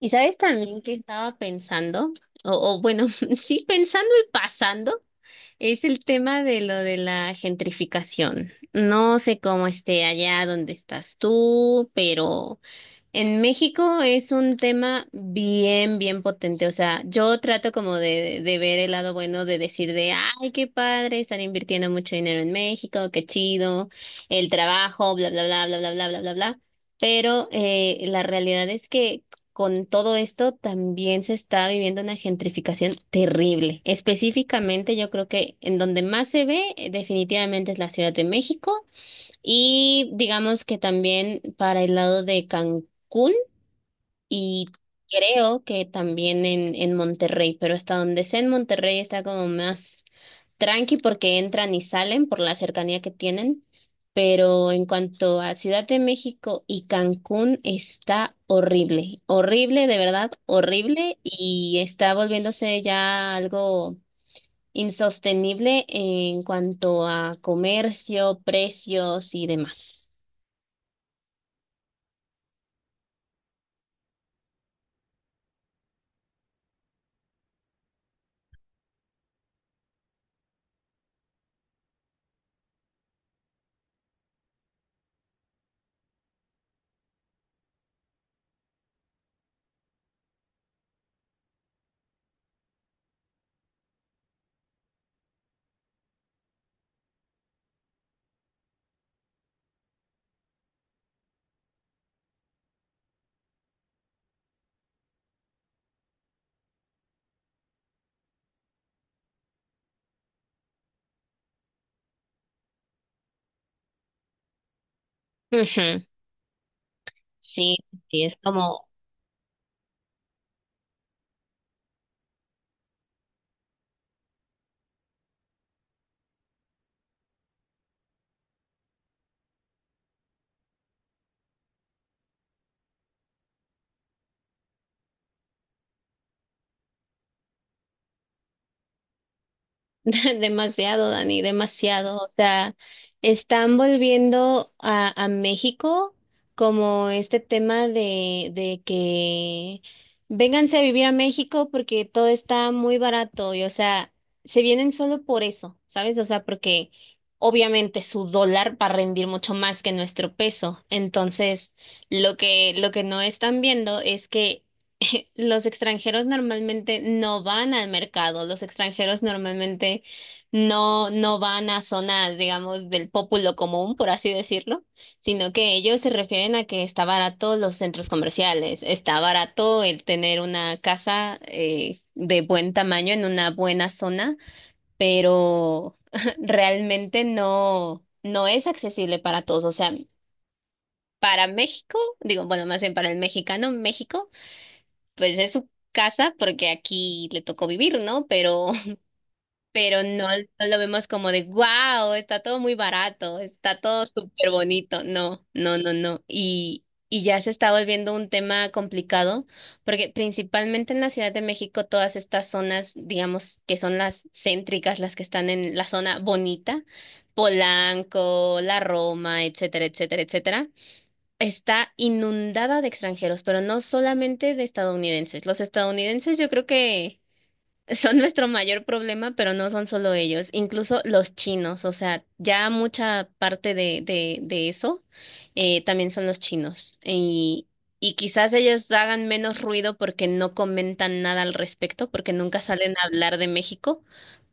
Y sabes también que estaba pensando, o, o bueno, sí, pensando y pasando, es el tema de lo de la gentrificación. No sé cómo esté allá donde estás tú, pero en México es un tema bien, bien potente. O sea, yo trato como de ver el lado bueno, de decir de, ay, qué padre, están invirtiendo mucho dinero en México, qué chido, el trabajo, bla, bla, bla, bla, bla, bla, bla, bla, bla. Pero la realidad es que con todo esto también se está viviendo una gentrificación terrible. Específicamente, yo creo que en donde más se ve definitivamente es la Ciudad de México y digamos que también para el lado de Cancún y creo que también en Monterrey, pero hasta donde sé en Monterrey está como más tranqui porque entran y salen por la cercanía que tienen. Pero en cuanto a Ciudad de México y Cancún está horrible, horrible, de verdad, horrible y está volviéndose ya algo insostenible en cuanto a comercio, precios y demás. Ujú. Sí, sí, es como demasiado, Dani, demasiado. O sea, están volviendo a México como este tema de que vénganse a vivir a México porque todo está muy barato y, o sea, se vienen solo por eso, ¿sabes? O sea, porque obviamente su dólar va a rendir mucho más que nuestro peso. Entonces, lo que no están viendo es que los extranjeros normalmente no van al mercado, los extranjeros normalmente no, no van a zonas, digamos, del pópulo común, por así decirlo, sino que ellos se refieren a que está barato los centros comerciales, está barato el tener una casa de buen tamaño en una buena zona, pero realmente no, no es accesible para todos. O sea, para México, digo, bueno, más bien para el mexicano, México pues es su casa porque aquí le tocó vivir, ¿no? Pero pero no, no lo vemos como de, wow, está todo muy barato, está todo súper bonito. No, no, no, no. Y ya se está volviendo un tema complicado porque principalmente en la Ciudad de México todas estas zonas, digamos, que son las céntricas, las que están en la zona bonita, Polanco, La Roma, etcétera, etcétera, etcétera. Está inundada de extranjeros, pero no solamente de estadounidenses. Los estadounidenses yo creo que son nuestro mayor problema, pero no son solo ellos, incluso los chinos, o sea, ya mucha parte de eso también son los chinos. Y quizás ellos hagan menos ruido porque no comentan nada al respecto, porque nunca salen a hablar de México,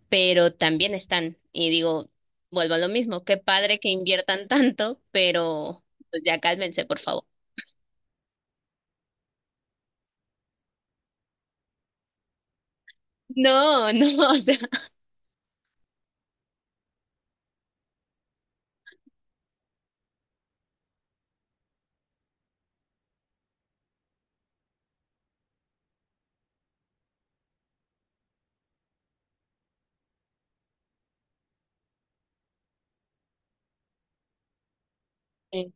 pero también están. Y digo, vuelvo a lo mismo, qué padre que inviertan tanto, pero pues ya cálmense, por favor. No, no, o sea. Eh,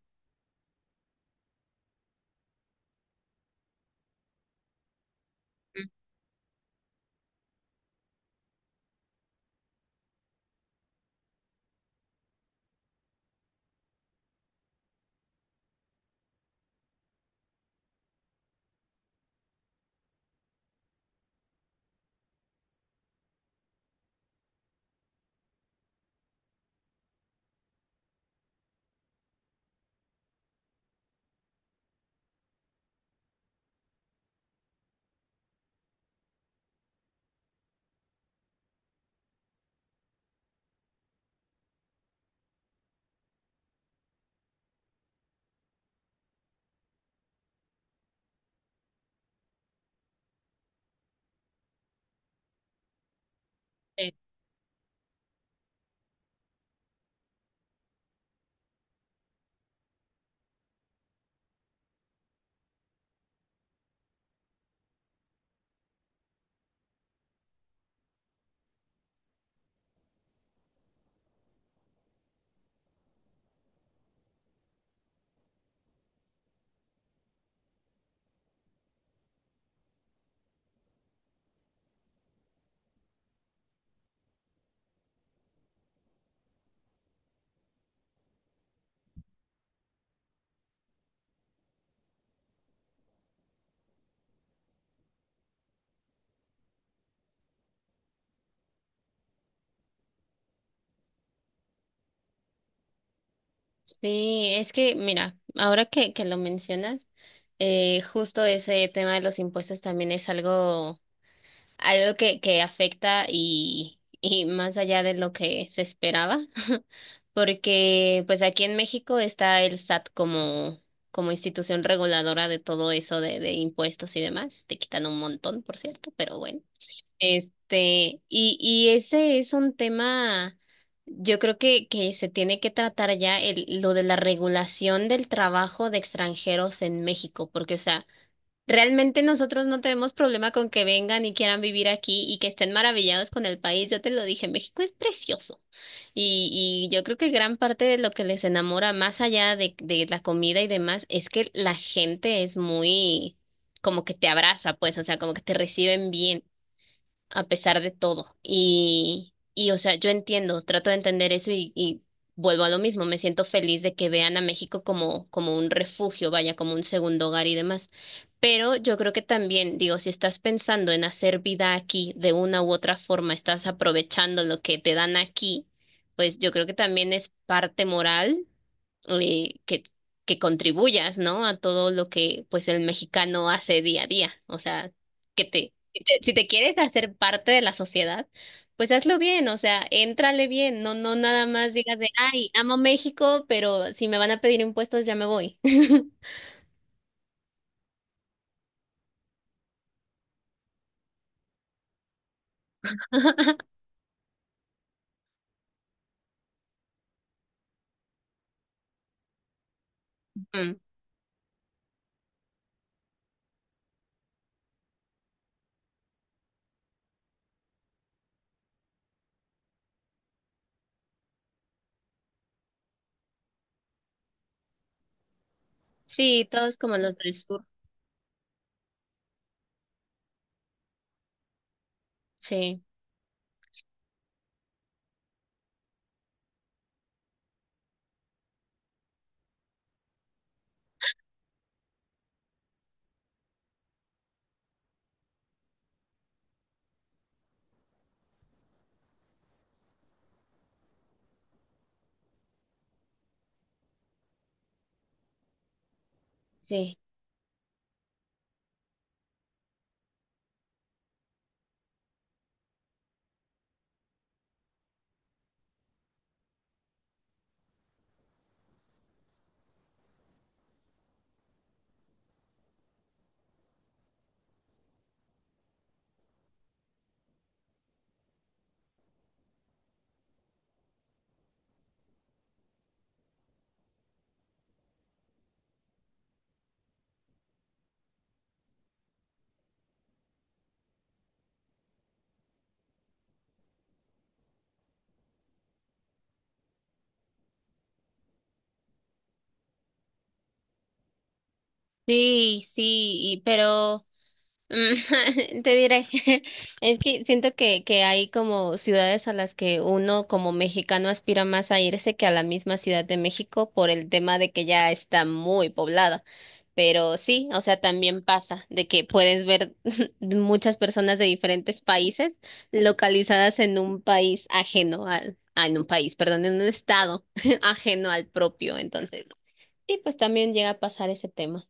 eh, Sí, es que, mira, ahora que lo mencionas, justo ese tema de los impuestos también es algo, algo que afecta y más allá de lo que se esperaba, porque pues aquí en México está el SAT como, como institución reguladora de todo eso de impuestos y demás, te quitan un montón, por cierto, pero bueno. Este, y ese es un tema, yo creo que se tiene que tratar ya el, lo de la regulación del trabajo de extranjeros en México, porque, o sea, realmente nosotros no tenemos problema con que vengan y quieran vivir aquí y que estén maravillados con el país. Yo te lo dije, México es precioso. Y yo creo que gran parte de lo que les enamora, más allá de la comida y demás, es que la gente es muy, como que te abraza, pues, o sea, como que te reciben bien a pesar de todo. Y, o sea, yo entiendo, trato de entender eso y vuelvo a lo mismo. Me siento feliz de que vean a México como, como un refugio, vaya, como un segundo hogar y demás. Pero yo creo que también, digo, si estás pensando en hacer vida aquí de una u otra forma, estás aprovechando lo que te dan aquí, pues yo creo que también es parte moral eh, que, que contribuyas, ¿no? A todo lo que pues el mexicano hace día a día. O sea, que te- si te quieres hacer parte de la sociedad, pues hazlo bien, o sea, éntrale bien, no, no nada más digas de, ay, amo México, pero si me van a pedir impuestos ya me voy. Mm. Sí, todos como los del sur. Sí, sí. Sí, sí, y- pero te diré, es que siento que hay como ciudades a las que uno como mexicano aspira más a irse que a la misma Ciudad de México por el tema de que ya está muy poblada. Pero sí, o sea, también pasa de que puedes ver muchas personas de diferentes países localizadas en un país ajeno al, ah, en un país, perdón, en un estado ajeno al propio. Entonces, sí, pues también llega a pasar ese tema.